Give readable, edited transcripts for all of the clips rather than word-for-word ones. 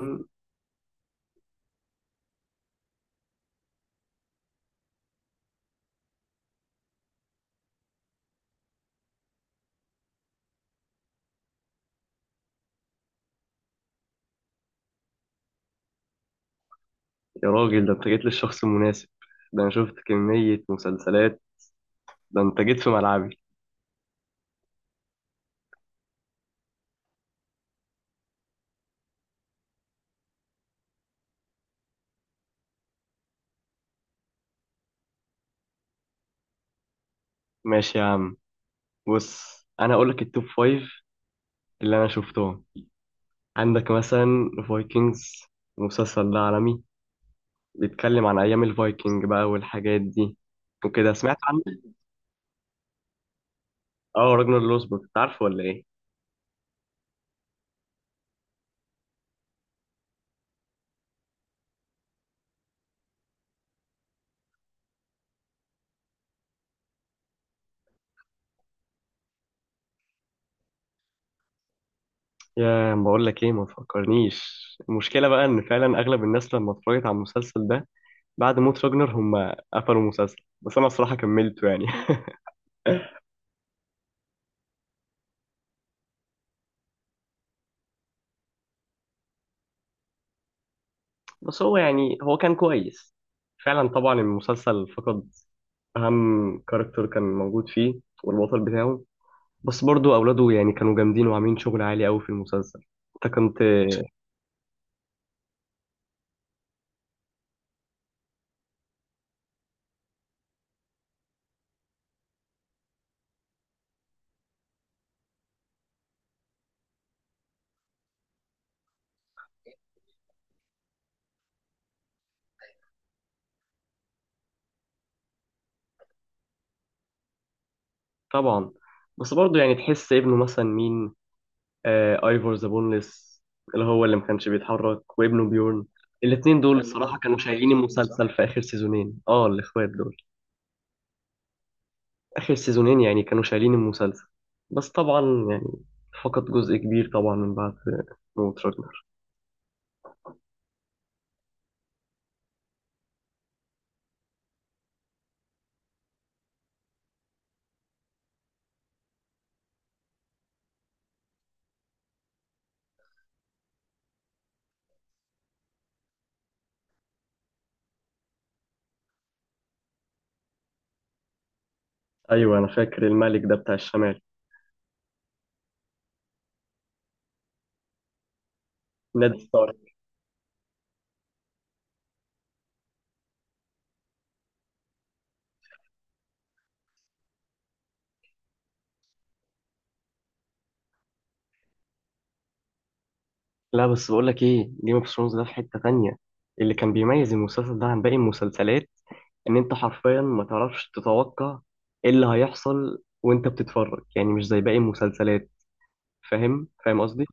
يا راجل، ده انت جيت للشخص المناسب. ده انا شفت كمية مسلسلات. ده انت جيت في ملعبي. ماشي يا عم. بص، انا هقول لك التوب فايف اللي انا شفتهم. عندك مثلا فايكنجز. المسلسل ده عالمي، بيتكلم عن ايام الفايكنج بقى والحاجات دي وكده سمعت عنه. اه راجنر لوسبروك، انت عارفه ولا ايه؟ يا ما بقول لك ايه، ما تفكرنيش. المشكله بقى ان فعلا اغلب الناس لما اتفرجت على المسلسل ده بعد موت راجنر هم قفلوا المسلسل، بس انا الصراحه كملته يعني. بس هو كان كويس. فعلا طبعا المسلسل فقد أهم كاركتر كان موجود فيه والبطل بتاعه. بس برضو أولاده يعني كانوا جامدين وعاملين شغل عالي أوي في المسلسل. أنت كنت. طبعا، بس برضو يعني تحس ابنه مثلا مين؟ آه ايفور ذا بونلس، اللي هو اللي ما كانش بيتحرك، وابنه بيورن. الاتنين دول اللي هم الصراحة كانوا الاخوات شايلين دول، صح؟ المسلسل في آخر سيزونين، اه الإخوات دول آخر سيزونين يعني كانوا شايلين المسلسل. بس طبعا يعني فقد جزء كبير طبعا من بعد موت راجنر. أيوة أنا فاكر الملك ده بتاع الشمال، نed ستارك. لا بس بقول لك إيه، جيم اوف ثرونز ده في حتة تانية. اللي كان بيميز المسلسل ده عن باقي المسلسلات إن أنت حرفيا ما تعرفش تتوقع إيه اللي هيحصل وأنت بتتفرج، يعني مش زي باقي المسلسلات. فاهم فاهم قصدي؟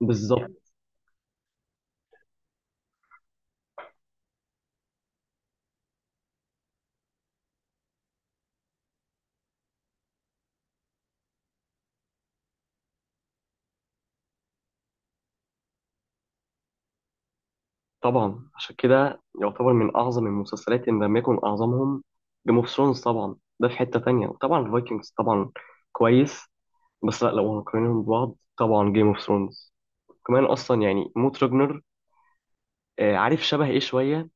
بالظبط. طبعا عشان كده يعتبر من أعظم المسلسلات إن لم يكن أعظمهم. جيم اوف ثرونز طبعا ده في حتة تانية، وطبعا الفايكنجز طبعا كويس. بس لا، لو هنقارنهم ببعض طبعا جيم اوف ثرونز كمان. أصلا يعني موت راجنر، آه عارف شبه إيه شوية؟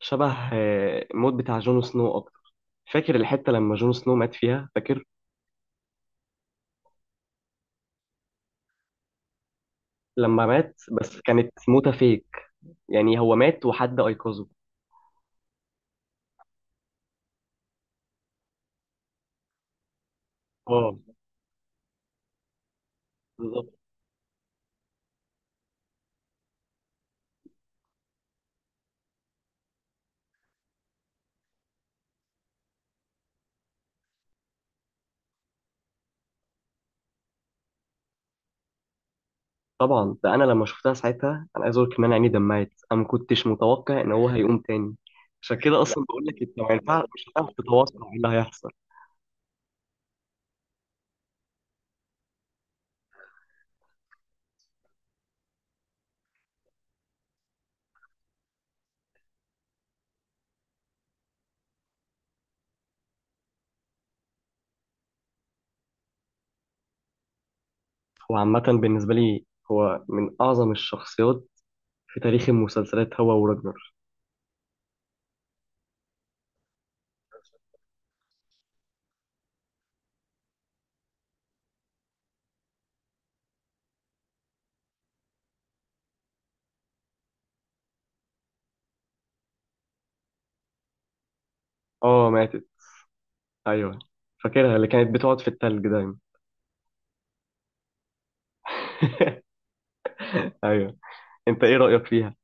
شبه آه، الموت بتاع جون سنو أكتر. فاكر الحتة لما جون سنو مات فيها، فاكر؟ لما مات، بس كانت موتة فيك. يعني هو مات وحد أيقظه. اه طبعا. ده انا لما شفتها ساعتها انا عايز اقول لك ان انا عيني دمعت، انا ما كنتش متوقع ان هو هيقوم تاني. عشان كده لا، اصلا بقول لك انت ما ينفعش، مش هتعرف تتواصل على ايه اللي هيحصل. هو عامه بالنسبه لي هو من اعظم الشخصيات في تاريخ المسلسلات، هو وراجنر. اه ماتت. ايوه فاكرها، اللي كانت بتقعد في التلج دايما. ايوه. انت ايه رايك فيها؟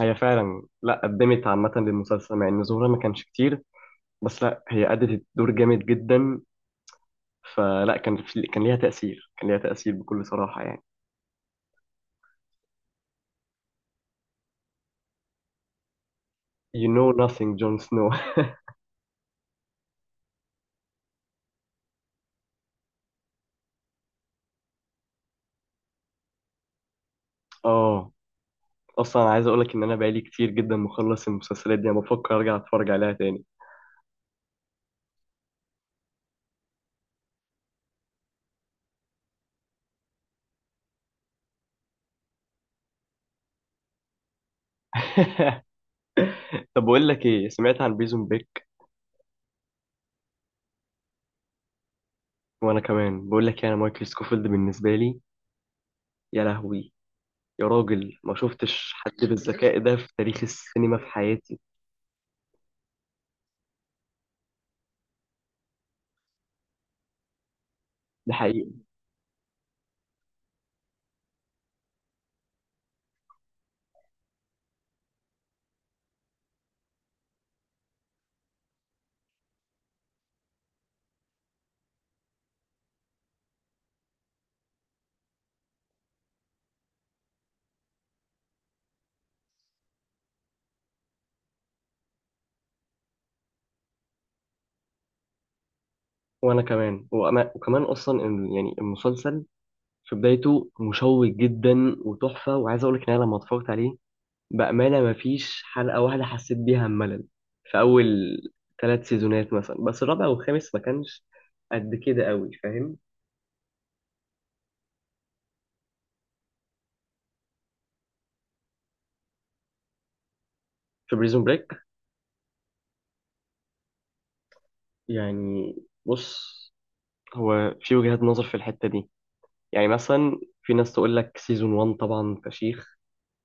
هي فعلا، لا، قدمت عامه للمسلسل مع ان ظهورها ما كانش كتير، بس لا هي أدت الدور جامد جدا. فلا، كان ليها تأثير، كان ليها تأثير بكل صراحة يعني. you know nothing جون سنو. اه. اصلا أنا عايز اقولك ان انا بقالي كتير جدا مخلص المسلسلات دي، انا بفكر ارجع اتفرج عليها تاني. طب بقول لك ايه، سمعت عن بريزون بريك؟ وانا كمان بقول لك يعني مايكل سكوفيلد بالنسبة لي، يا لهوي! يا راجل ما شفتش حد بالذكاء ده في تاريخ السينما في حياتي. ده حقيقي. وانا كمان، وأنا وكمان اصلا يعني المسلسل في بدايته مشوق جدا وتحفة. وعايز اقول لك ان انا لما اتفرجت عليه بأمانة مفيش حلقة واحدة حسيت بيها ملل، في أول 3 سيزونات مثلا. بس الرابع والخامس ما كانش قد كده قوي، فاهم؟ في بريزون بريك يعني، بص، هو في وجهات نظر في الحتة دي. يعني مثلا في ناس تقول لك سيزون 1 طبعا فشيخ،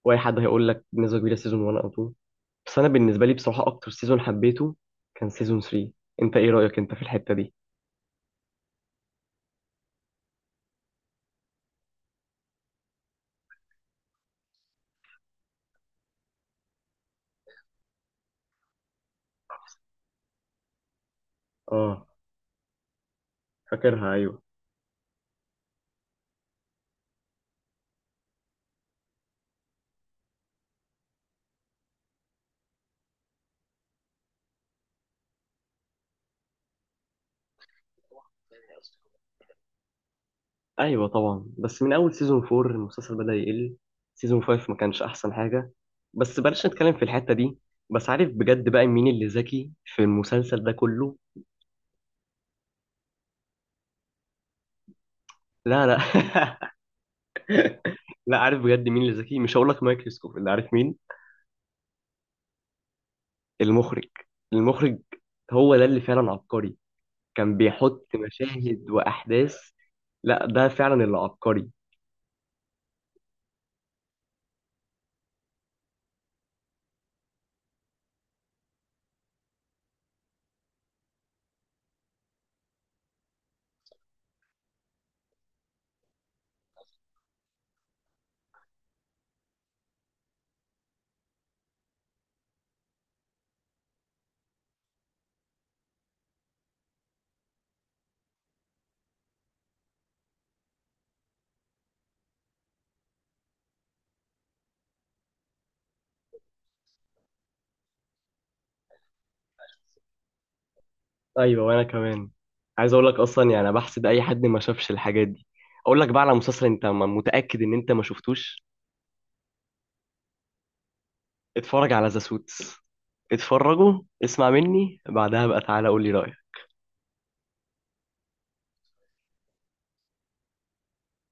واي حد هيقول لك بنسبة كبيرة سيزون 1 أو 2. بس أنا بالنسبة لي بصراحة أكتر سيزون حبيته كان سيزون 3. أنت إيه رأيك أنت في الحتة دي؟ آه فاكرها، أيوه. ايوه طبعا، بس من اول سيزون 4 المسلسل بدأ يقل. سيزون 5 ما كانش احسن حاجه، بس بلاش نتكلم في الحته دي. بس عارف بجد بقى مين اللي ذكي في المسلسل ده كله؟ لا لا. لا عارف بجد مين اللي ذكي، مش هقول لك مايكل سكوف، اللي عارف مين؟ المخرج. المخرج هو ده اللي فعلا عبقري. كان بيحط مشاهد واحداث. لا ده فعلا اللي عبقري. ايوه وانا كمان. عايز اقول لك اصلا يعني أنا بحسد اي حد ما شافش الحاجات دي. اقول لك بقى على مسلسل انت متاكد ان انت ما شفتوش. اتفرج على ذا سوتس، اتفرجوا اسمع مني بعدها بقى تعالى قول لي رايك.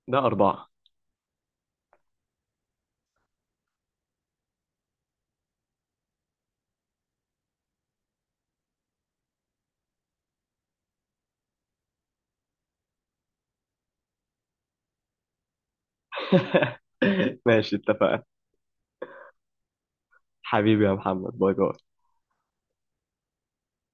ده 4. ماشي اتفقنا. حبيبي يا محمد، باي باي.